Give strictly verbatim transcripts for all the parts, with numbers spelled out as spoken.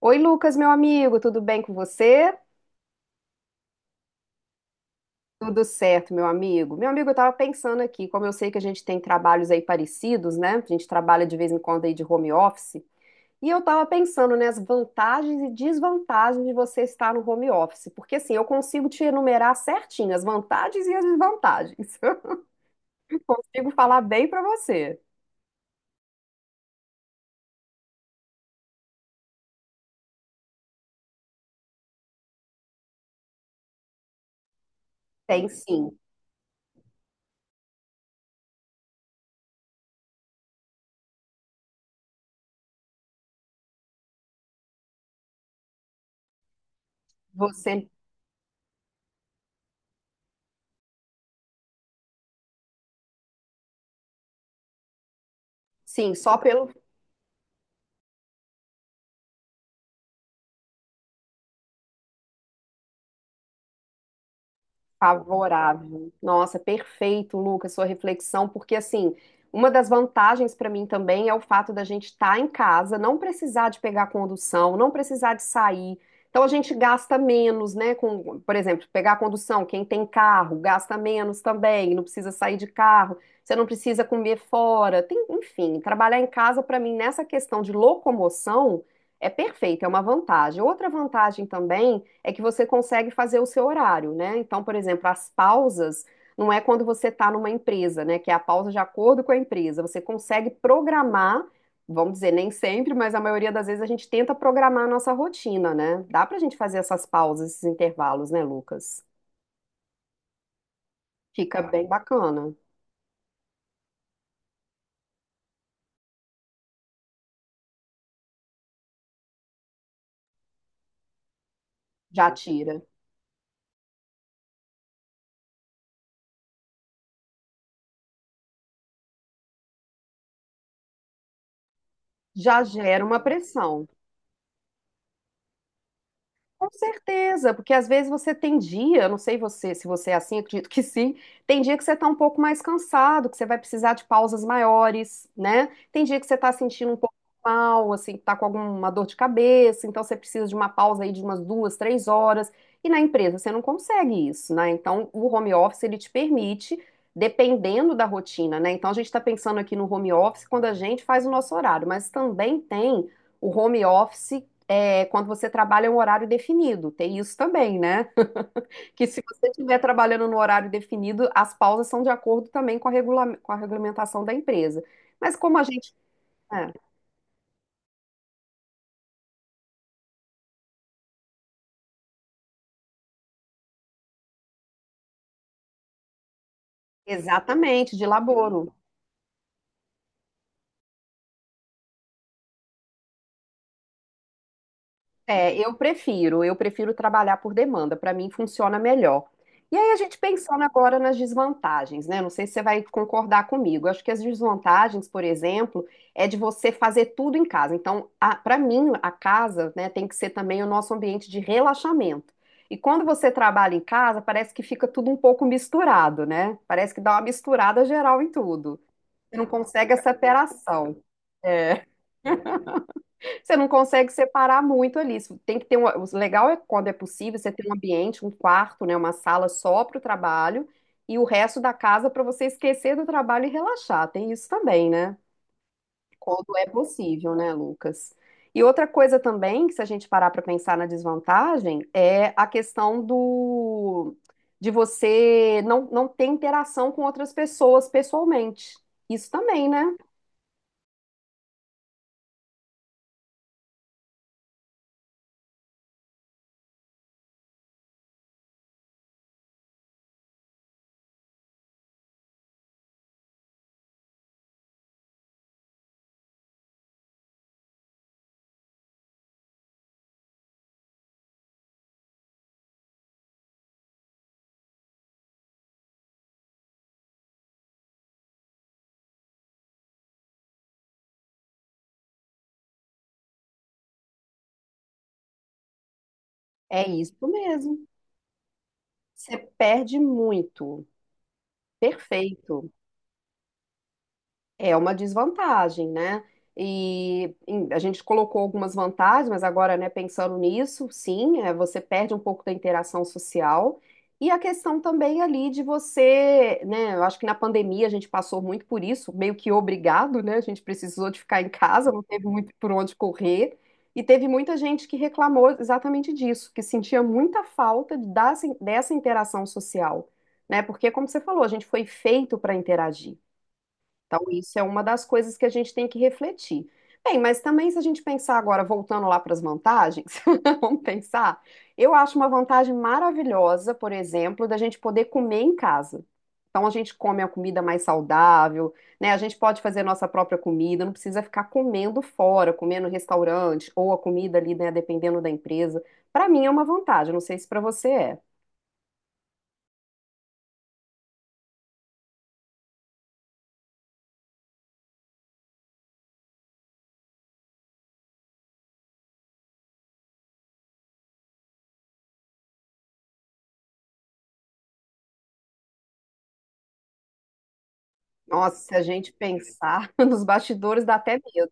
Oi, Lucas, meu amigo, tudo bem com você? Tudo certo, meu amigo. Meu amigo, eu estava pensando aqui, como eu sei que a gente tem trabalhos aí parecidos, né? A gente trabalha de vez em quando aí de home office. E eu estava pensando, né, as vantagens e desvantagens de você estar no home office. Porque assim, eu consigo te enumerar certinho as vantagens e as desvantagens. Consigo falar bem para você. Tem sim. Você, sim, só pelo favorável. Nossa, perfeito, Lucas, sua reflexão, porque assim, uma das vantagens para mim também é o fato da gente estar em casa, não precisar de pegar condução, não precisar de sair. Então a gente gasta menos, né? Com, por exemplo, pegar condução, quem tem carro gasta menos também, não precisa sair de carro, você não precisa comer fora. Tem- enfim, trabalhar em casa para mim nessa questão de locomoção é perfeito, é uma vantagem. Outra vantagem também é que você consegue fazer o seu horário, né? Então, por exemplo, as pausas não é quando você está numa empresa, né? Que é a pausa de acordo com a empresa. Você consegue programar, vamos dizer, nem sempre, mas a maioria das vezes a gente tenta programar a nossa rotina, né? Dá pra gente fazer essas pausas, esses intervalos, né, Lucas? Fica ah, bem bacana. Já tira. Já gera uma pressão. Com certeza, porque às vezes você tem dia, eu não sei você, se você é assim, acredito que sim, tem dia que você está um pouco mais cansado, que você vai precisar de pausas maiores, né? Tem dia que você está sentindo um pouco mal, assim, que está com alguma dor de cabeça, então você precisa de uma pausa aí de umas duas, três horas, e na empresa você não consegue isso, né? Então o home office ele te permite, dependendo da rotina, né? Então a gente está pensando aqui no home office quando a gente faz o nosso horário, mas também tem o home office é, quando você trabalha em um horário definido. Tem isso também, né? Que se você estiver trabalhando no horário definido, as pausas são de acordo também com a, regula- com a regulamentação da empresa. Mas como a gente. É, exatamente, de laboro. É, eu prefiro, eu prefiro trabalhar por demanda, para mim funciona melhor. E aí a gente pensando agora nas desvantagens, né? Não sei se você vai concordar comigo. Acho que as desvantagens, por exemplo, é de você fazer tudo em casa. Então, para mim, a casa, né, tem que ser também o nosso ambiente de relaxamento. E quando você trabalha em casa, parece que fica tudo um pouco misturado, né? Parece que dá uma misturada geral em tudo. Você não consegue essa separação. É. Você não consegue separar muito ali. Isso tem que ter um, o legal é quando é possível você ter um ambiente, um quarto, né, uma sala só para o trabalho e o resto da casa para você esquecer do trabalho e relaxar. Tem isso também, né? Quando é possível, né, Lucas? E outra coisa também, que se a gente parar para pensar na desvantagem, é a questão do de você não, não ter interação com outras pessoas pessoalmente. Isso também, né? É isso mesmo. Você perde muito. Perfeito. É uma desvantagem, né? E em- a gente colocou algumas vantagens, mas agora, né, pensando nisso, sim, é, você perde um pouco da interação social. E a questão também ali de você, né, eu acho que na pandemia a gente passou muito por isso, meio que obrigado, né? A gente precisou de ficar em casa, não teve muito por onde correr. E teve muita gente que reclamou exatamente disso, que sentia muita falta dessa dessa interação social, né? Porque, como você falou, a gente foi feito para interagir. Então, isso é uma das coisas que a gente tem que refletir. Bem, mas também se a gente pensar agora, voltando lá para as vantagens, vamos pensar, eu acho uma vantagem maravilhosa, por exemplo, da gente poder comer em casa. Então a gente come a comida mais saudável, né? A gente pode fazer nossa própria comida, não precisa ficar comendo fora, comendo em restaurante ou a comida ali, né, dependendo da empresa. Para mim é uma vantagem, não sei se para você é. Nossa, se a gente pensar nos bastidores dá até medo.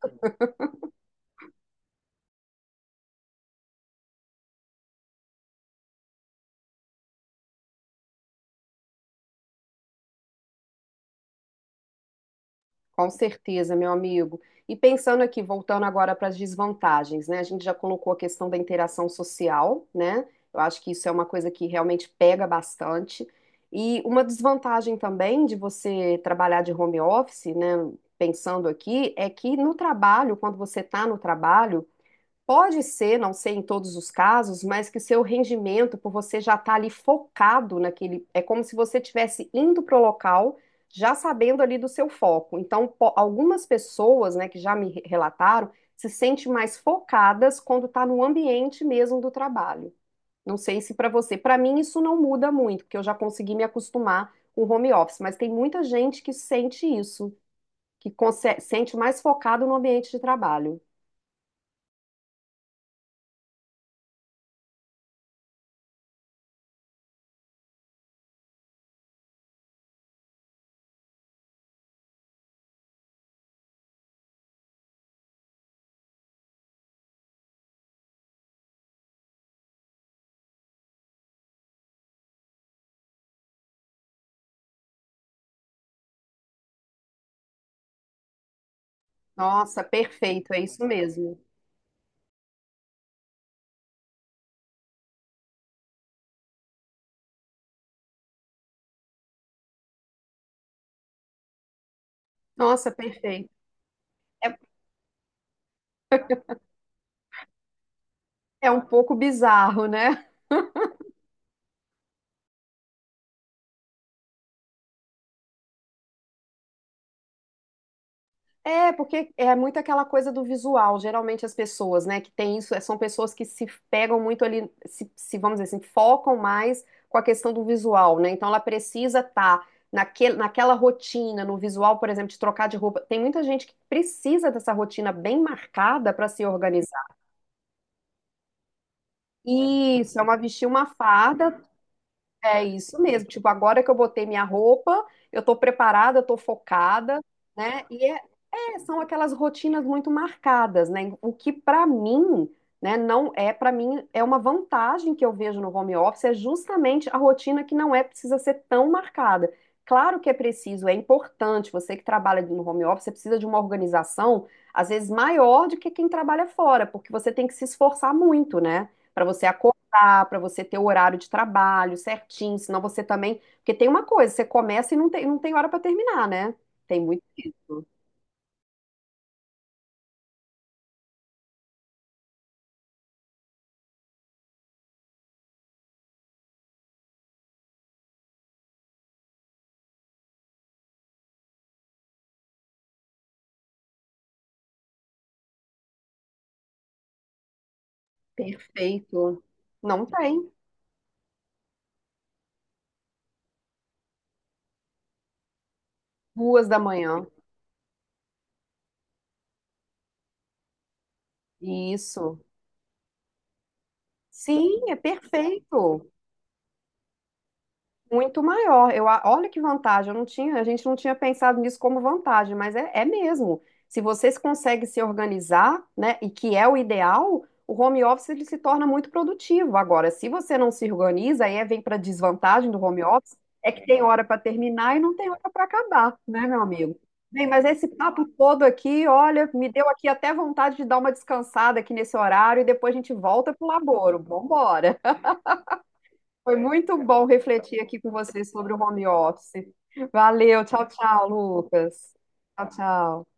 Com certeza, meu amigo. E pensando aqui, voltando agora para as desvantagens, né? A gente já colocou a questão da interação social, né? Eu acho que isso é uma coisa que realmente pega bastante. E uma desvantagem também de você trabalhar de home office, né? Pensando aqui, é que no trabalho, quando você está no trabalho, pode ser, não sei em todos os casos, mas que o seu rendimento, por você já estar ali focado naquele, é como se você estivesse indo para o local, já sabendo ali do seu foco. Então, po- algumas pessoas, né, que já me re- relataram, se sentem mais focadas quando está no ambiente mesmo do trabalho. Não sei se para você, para mim isso não muda muito, porque eu já consegui me acostumar com o home office, mas tem muita gente que sente isso, que conse- sente mais focado no ambiente de trabalho. Nossa, perfeito, é isso mesmo. Nossa, perfeito. É, é um pouco bizarro, né? É, porque é muito aquela coisa do visual. Geralmente as pessoas, né, que tem isso, são pessoas que se pegam muito ali, se, se, vamos dizer assim, focam mais com a questão do visual, né? Então ela precisa estar naquele, naquela rotina, no visual, por exemplo, de trocar de roupa. Tem muita gente que precisa dessa rotina bem marcada para se organizar. Isso, é uma vestir uma farda. É isso mesmo. Tipo, agora que eu botei minha roupa, eu tô preparada, eu tô focada, né? E é, é, são aquelas rotinas muito marcadas, né? O que pra mim, né, não é pra mim é uma vantagem que eu vejo no home office é justamente a rotina que não é precisa ser tão marcada. Claro que é preciso, é importante. Você que trabalha no home office, você precisa de uma organização às vezes maior do que quem trabalha fora, porque você tem que se esforçar muito, né? Para você Para você ter o horário de trabalho certinho, senão você também. Porque tem uma coisa, você começa e não tem, não tem hora para terminar, né? Tem muito isso. Perfeito. Não tem. Duas da manhã. Isso. Sim, é perfeito. Muito maior. Eu, a- olha que vantagem, eu não tinha, a gente não tinha pensado nisso como vantagem, mas é, é mesmo. Se vocês conseguem se organizar, né, e que é o ideal, o home office ele se torna muito produtivo. Agora, se você não se organiza, aí é- vem para desvantagem do home office, é que tem hora para terminar e não tem hora para acabar, né, meu amigo? Bem, mas esse papo todo aqui, olha, me deu aqui até vontade de dar uma descansada aqui nesse horário e depois a gente volta pro laboro. Vambora! Foi muito bom refletir aqui com você sobre o home office. Valeu, tchau, tchau, Lucas. Tchau, tchau.